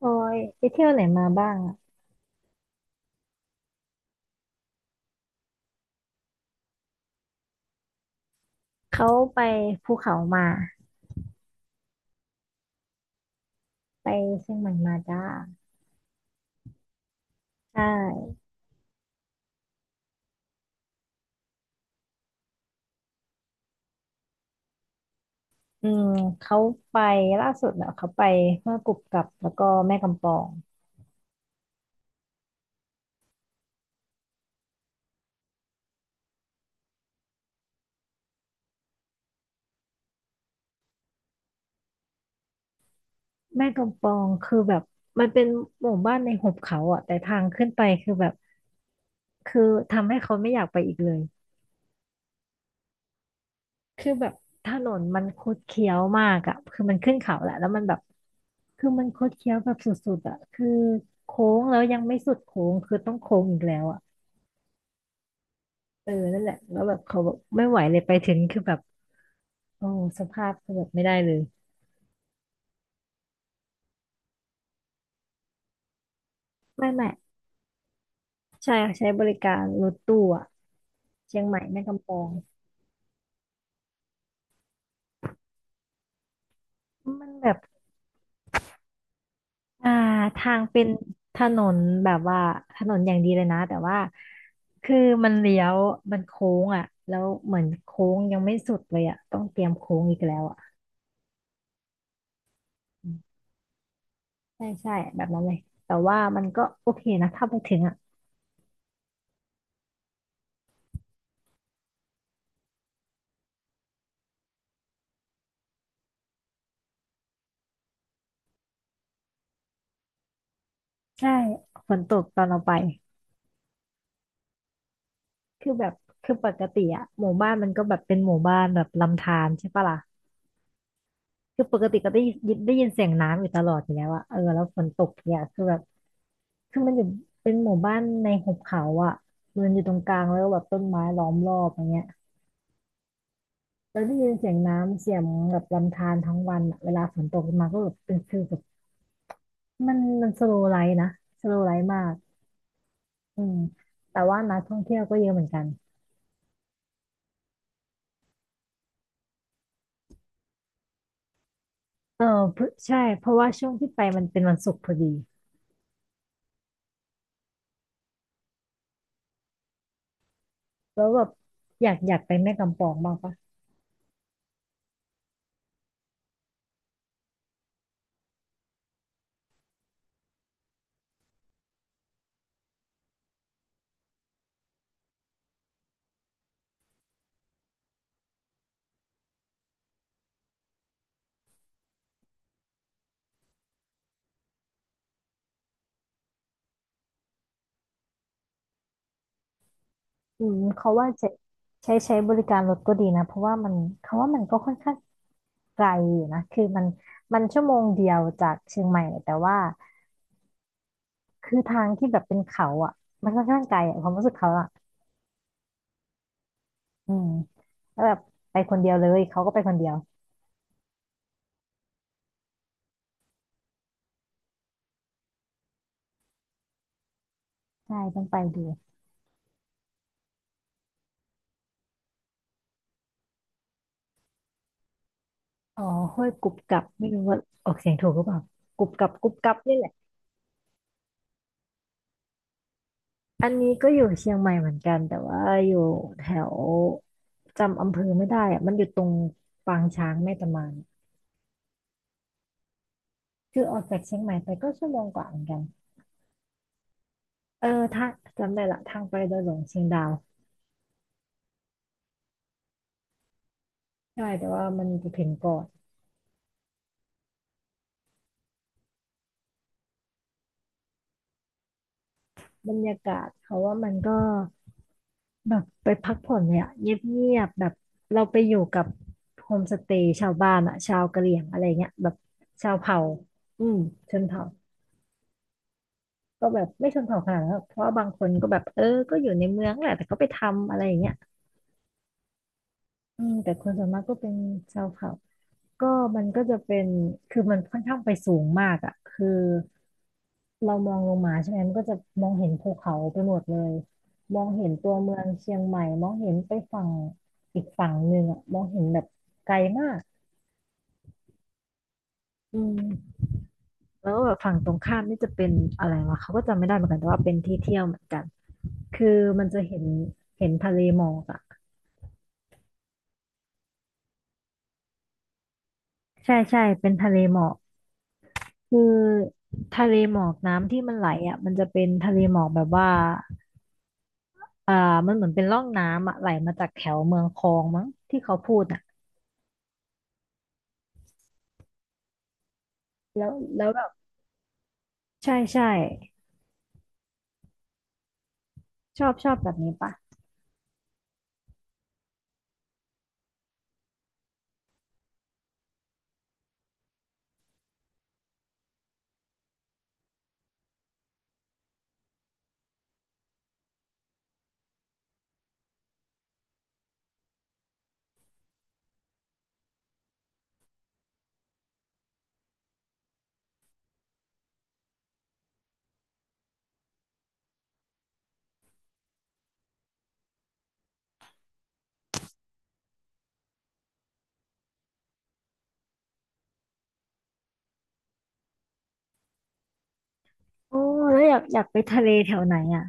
โอ้ยไปเที่ยวไหนมาบ้างอะเขาไปภูเขามาไปเชียงใหม่มาจ้าใช่อืมเขาไปล่าสุดเนอะเขาไปแม่กุบกับแล้วก็แม่กำปองแม่กำปองคือแบบมันเป็นหมู่บ้านในหุบเขาอะแต่ทางขึ้นไปคือแบบคือทำให้เขาไม่อยากไปอีกเลยคือแบบถนนมันคดเคี้ยวมากอะคือมันขึ้นเขาแหละแล้วมันแบบคือมันคดเคี้ยวแบบสุดๆอะคือโค้งแล้วยังไม่สุดโค้งคือต้องโค้งอีกแล้วอะ เออนั่นแหละแล้วแบบเขาบอกไม่ไหวเลยไปถึงคือแบบโอ้สภาพคือแบบไม่ได้เลยไม่ใช่ค่ะใช้บริการรถตู้อะเชียงใหม่แม่กำปองมันแบบอ่าทางเป็นถนนแบบว่าถนนอย่างดีเลยนะแต่ว่าคือมันเลี้ยวมันโค้งอ่ะแล้วเหมือนโค้งยังไม่สุดเลยอ่ะต้องเตรียมโค้งอีกแล้วอ่ะอืมใช่ใช่แบบนั้นเลยแต่ว่ามันก็โอเคนะถ้าไปถึงอ่ะใช่ฝนตกตอนเราไป คือแบบคือปกติอะหมู่บ้านมันก็แบบเป็นหมู่บ้านแบบลำธารใช่ปะล่ะคือปกติก็ได้ยินเสียงน้ำอยู่ตลอดอยู่แล้วอะเออแล้วฝนตกเนี่ยคือแบบคือมันอยู่เป็นหมู่บ้านในหุบเขาอะมันอยู่ตรงกลางแล้วก็แบบต้นไม้ล้อมรอบอย่างเงี้ยแล้วได้ยินเสียงน้ำเสียงแบบลำธารทั้งวันอะเวลาฝนตกมาก็แบบเป็นคือแบบมันสโลว์ไลฟ์นะสโลว์ไลฟ์มากอืมแต่ว่านักท่องเที่ยวก็เยอะเหมือนกันเออเพิ่งใช่เพราะว่าช่วงที่ไปมันเป็นวันศุกร์พอดี แล้วแบบอยากไปแม่กำปองบ้างปะอืมเขาว่าจะใช้บริการรถก็ดีนะเพราะว่ามันเขาว่ามันก็ค่อนข้างไกลอยู่นะคือมันชั่วโมงเดียวจากเชียงใหม่แต่ว่าคือทางที่แบบเป็นเขาอ่ะมันค่อนข้างไกลอะความรู้สึกเขาอ่ะอืมแล้วแบบไปคนเดียวเลยเขาก็ไปคนเดียวใช่ต้องไปดูอ๋อห้วยกุบกับไม่รู้ว่าออกเสียงถูกหรือเปล่ากรุบกรับกรุบกรับนี่แหละ อันนี้ก็อยู่เชียงใหม่เหมือนกันแต่ว่าอยู่แถวจำอำเภอไม่ได้อะมันอยู่ตรงปางช้างแม่ตะมานคือออกจากเชียงใหม่ไปก็ชั่วโมงกว่าเหมือนกันเออถ้าจำได้ละทางไปดอยหลวงเชียงดาวใช่แต่ว่ามันจะถึงก่อนบรรยากาศเขาว่ามันก็แบบไปพักผ่อนเลยอะเงียบๆแบบเราไปอยู่กับโฮมสเตย์ชาวบ้านอะชาวกะเหรี่ยงอะไรเงี้ยแบบชาวเผ่าอืมชนเผ่า ก็แบบไม่ชนเผ่าขนาดนั้นหรอกเพราะว่าบางคนก็แบบเออก็อยู่ในเมืองแหละแต่ก็ไปทำอะไรอย่างเงี้ยอืมแต่คนส่วนมากก็เป็นชาวเผ่าก็มันก็จะเป็นคือมันค่อนข้างไปสูงมากอ่ะคือเรามองลงมาใช่ไหมมันก็จะมองเห็นภูเขาไปหมดเลยมองเห็นตัวเมืองเชียงใหม่มองเห็นไปฝั่งอีกฝั่งหนึ่งอ่ะมองเห็นแบบไกลมากอืมแล้วแบบฝั่งตรงข้ามนี่จะเป็นอะไรวะเขาก็จำไม่ได้เหมือนกันแต่ว่าเป็นที่เที่ยวเหมือนกันคือมันจะเห็นเห็นทะเลหมอกอะ ใช่ใช่เป็นทะเลหมอกคือทะเลหมอกน้ำที่มันไหลอ่ะมันจะเป็นทะเลหมอกแบบว่าอ่ามันเหมือนเป็นร่องน้ำอ่ะไหลมาจากแถวเมืองคองมั้งที่เขาพูดอ่ะแล้วแล้วแบบใช่ใช่ชอบชอบแบบนี้ปะโอ้แล้วอยากไปทะเลแถวไหนอ่ะ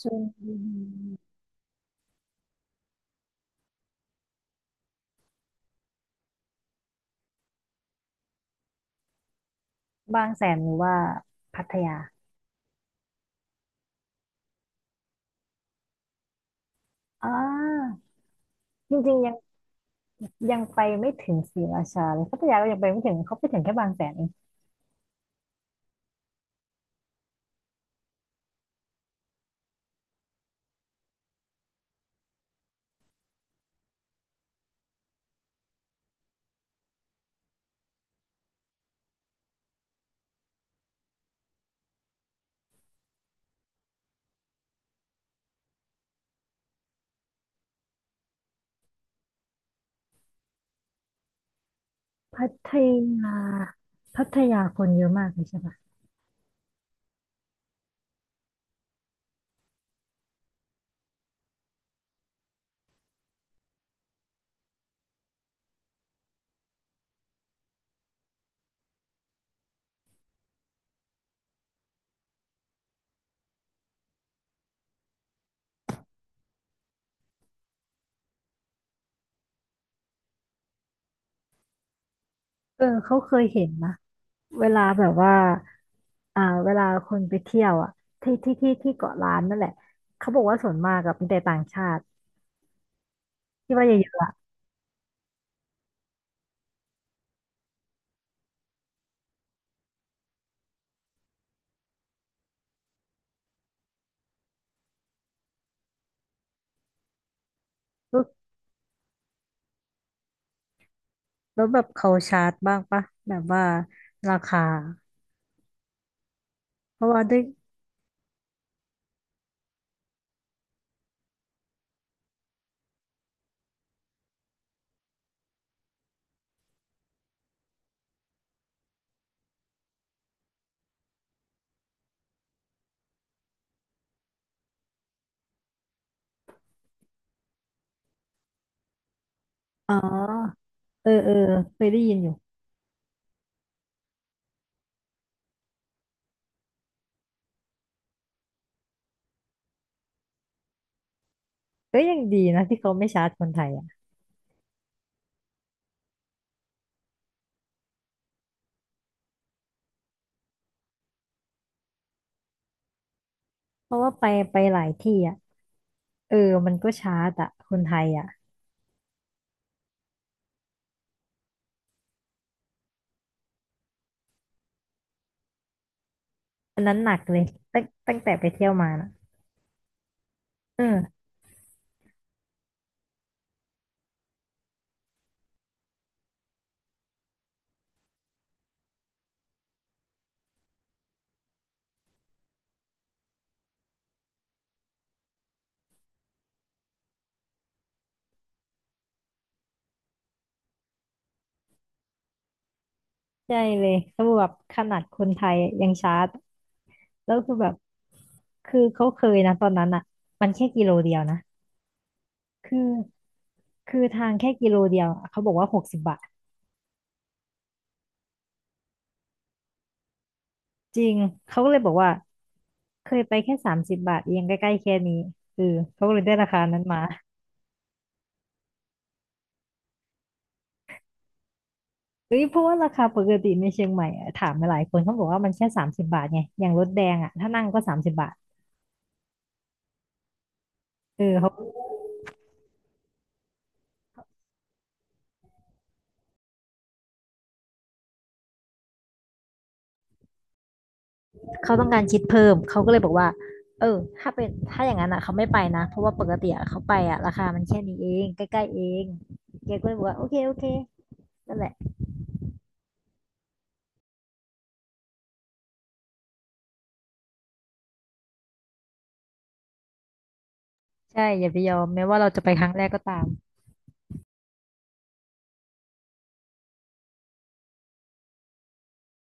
ชลบุรีบางแสนหรือว่าพัทยาอ่าจริงๆยังไปไม่ถึงศรีราชาเลยพัทยาก็ยังไปไม่ถึงเขาไปถึงแค่บางแสนเองพัทยาพัทยาคนเยอะมากเลยใช่ปะ เออเขาเคยเห็นนะเวลาแบบว่าอ่าเวลาคนไปเที่ยวอ่ะที่เกาะล้านนั่นแหละเขาบอกว่าส่วนมากกับมีแต่ต่างชาติที่ว่าเยอะๆอะแล้วแล้วแบบเขาชาร์จบ้างปะแบบว่าราคาเพราะว่าด้วยอ๋อเออเออเคยได้ยินอยู่ก็ยังดีนะที่เขาไม่ชาร์จคนไทยอ่ะเพราะว่าไปหลายที่อ่ะเออมันก็ชาร์จอ่ะคนไทยอ่ะอันนั้นหนักเลยตั้งแต่ไปเที่ยวมานะเออใช่เลยเขาบอกแบบขนาดคนไทยยังชาร์จ แล้วคือแบบคือเขาเคยนะตอนนั้นอ่ะมันแค่กิโลเดียวนะ คือคือทางแค่กิโลเดียวอะเขาบอกว่า60 บาท จริง เขาก็เลยบอกว่า เคยไปแค่30 บาทเองใกล้ๆแค่นี้เออเขาก็เลยได้ราคานั้นมาเอ้ยเพราะว่าราคาปกติในเชียงใหม่อะถามมาหลายคนเขาบอกว่ามันแค่30 บาทไงอย่างรถแดงอ่ะถ้านั่งก็สามสิบบาทเออเขา เขาต้องการคิดเพิ่มเขาก็เลยบอกว่าเออถ้าเป็นถ้าอย่างนั้นอ่ะเขาไม่ไปนะเพราะว่าปกติเขาไปอ่ะราคามันแค่นี้เองใกล้ๆเองแกก็เลยบอกว่าโอเคนั่นแหละใช่อย่าไปยอมแม้ว่าเราจะไปครั้งแรกก็ตาม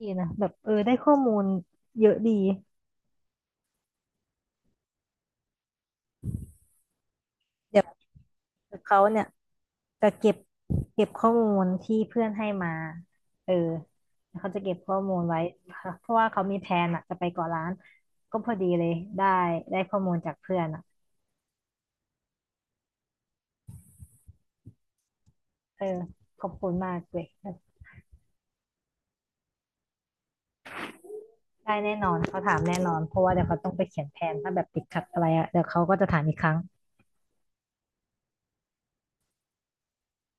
ดีนะแบบเออได้ข้อมูลเยอะดีเดี๋ยวเขาเนี่ยจะเก็บข้อมูลที่เพื่อนให้มาเออเขาจะเก็บข้อมูลไว้เพราะว่าเขามีแผนอะจะไปเกาะล้านก็พอดีเลยได้ได้ข้อมูลจากเพื่อนอะ เออขอบคุณมากเลยได้แน่นอนเขาถามแน่นอนเพราะว่าเดี๋ยวเขาต้องไปเขียนแผนถ้าแบบติดขัดอะไรอะเดี๋ยวเขาก็จะถามอีกครั้ง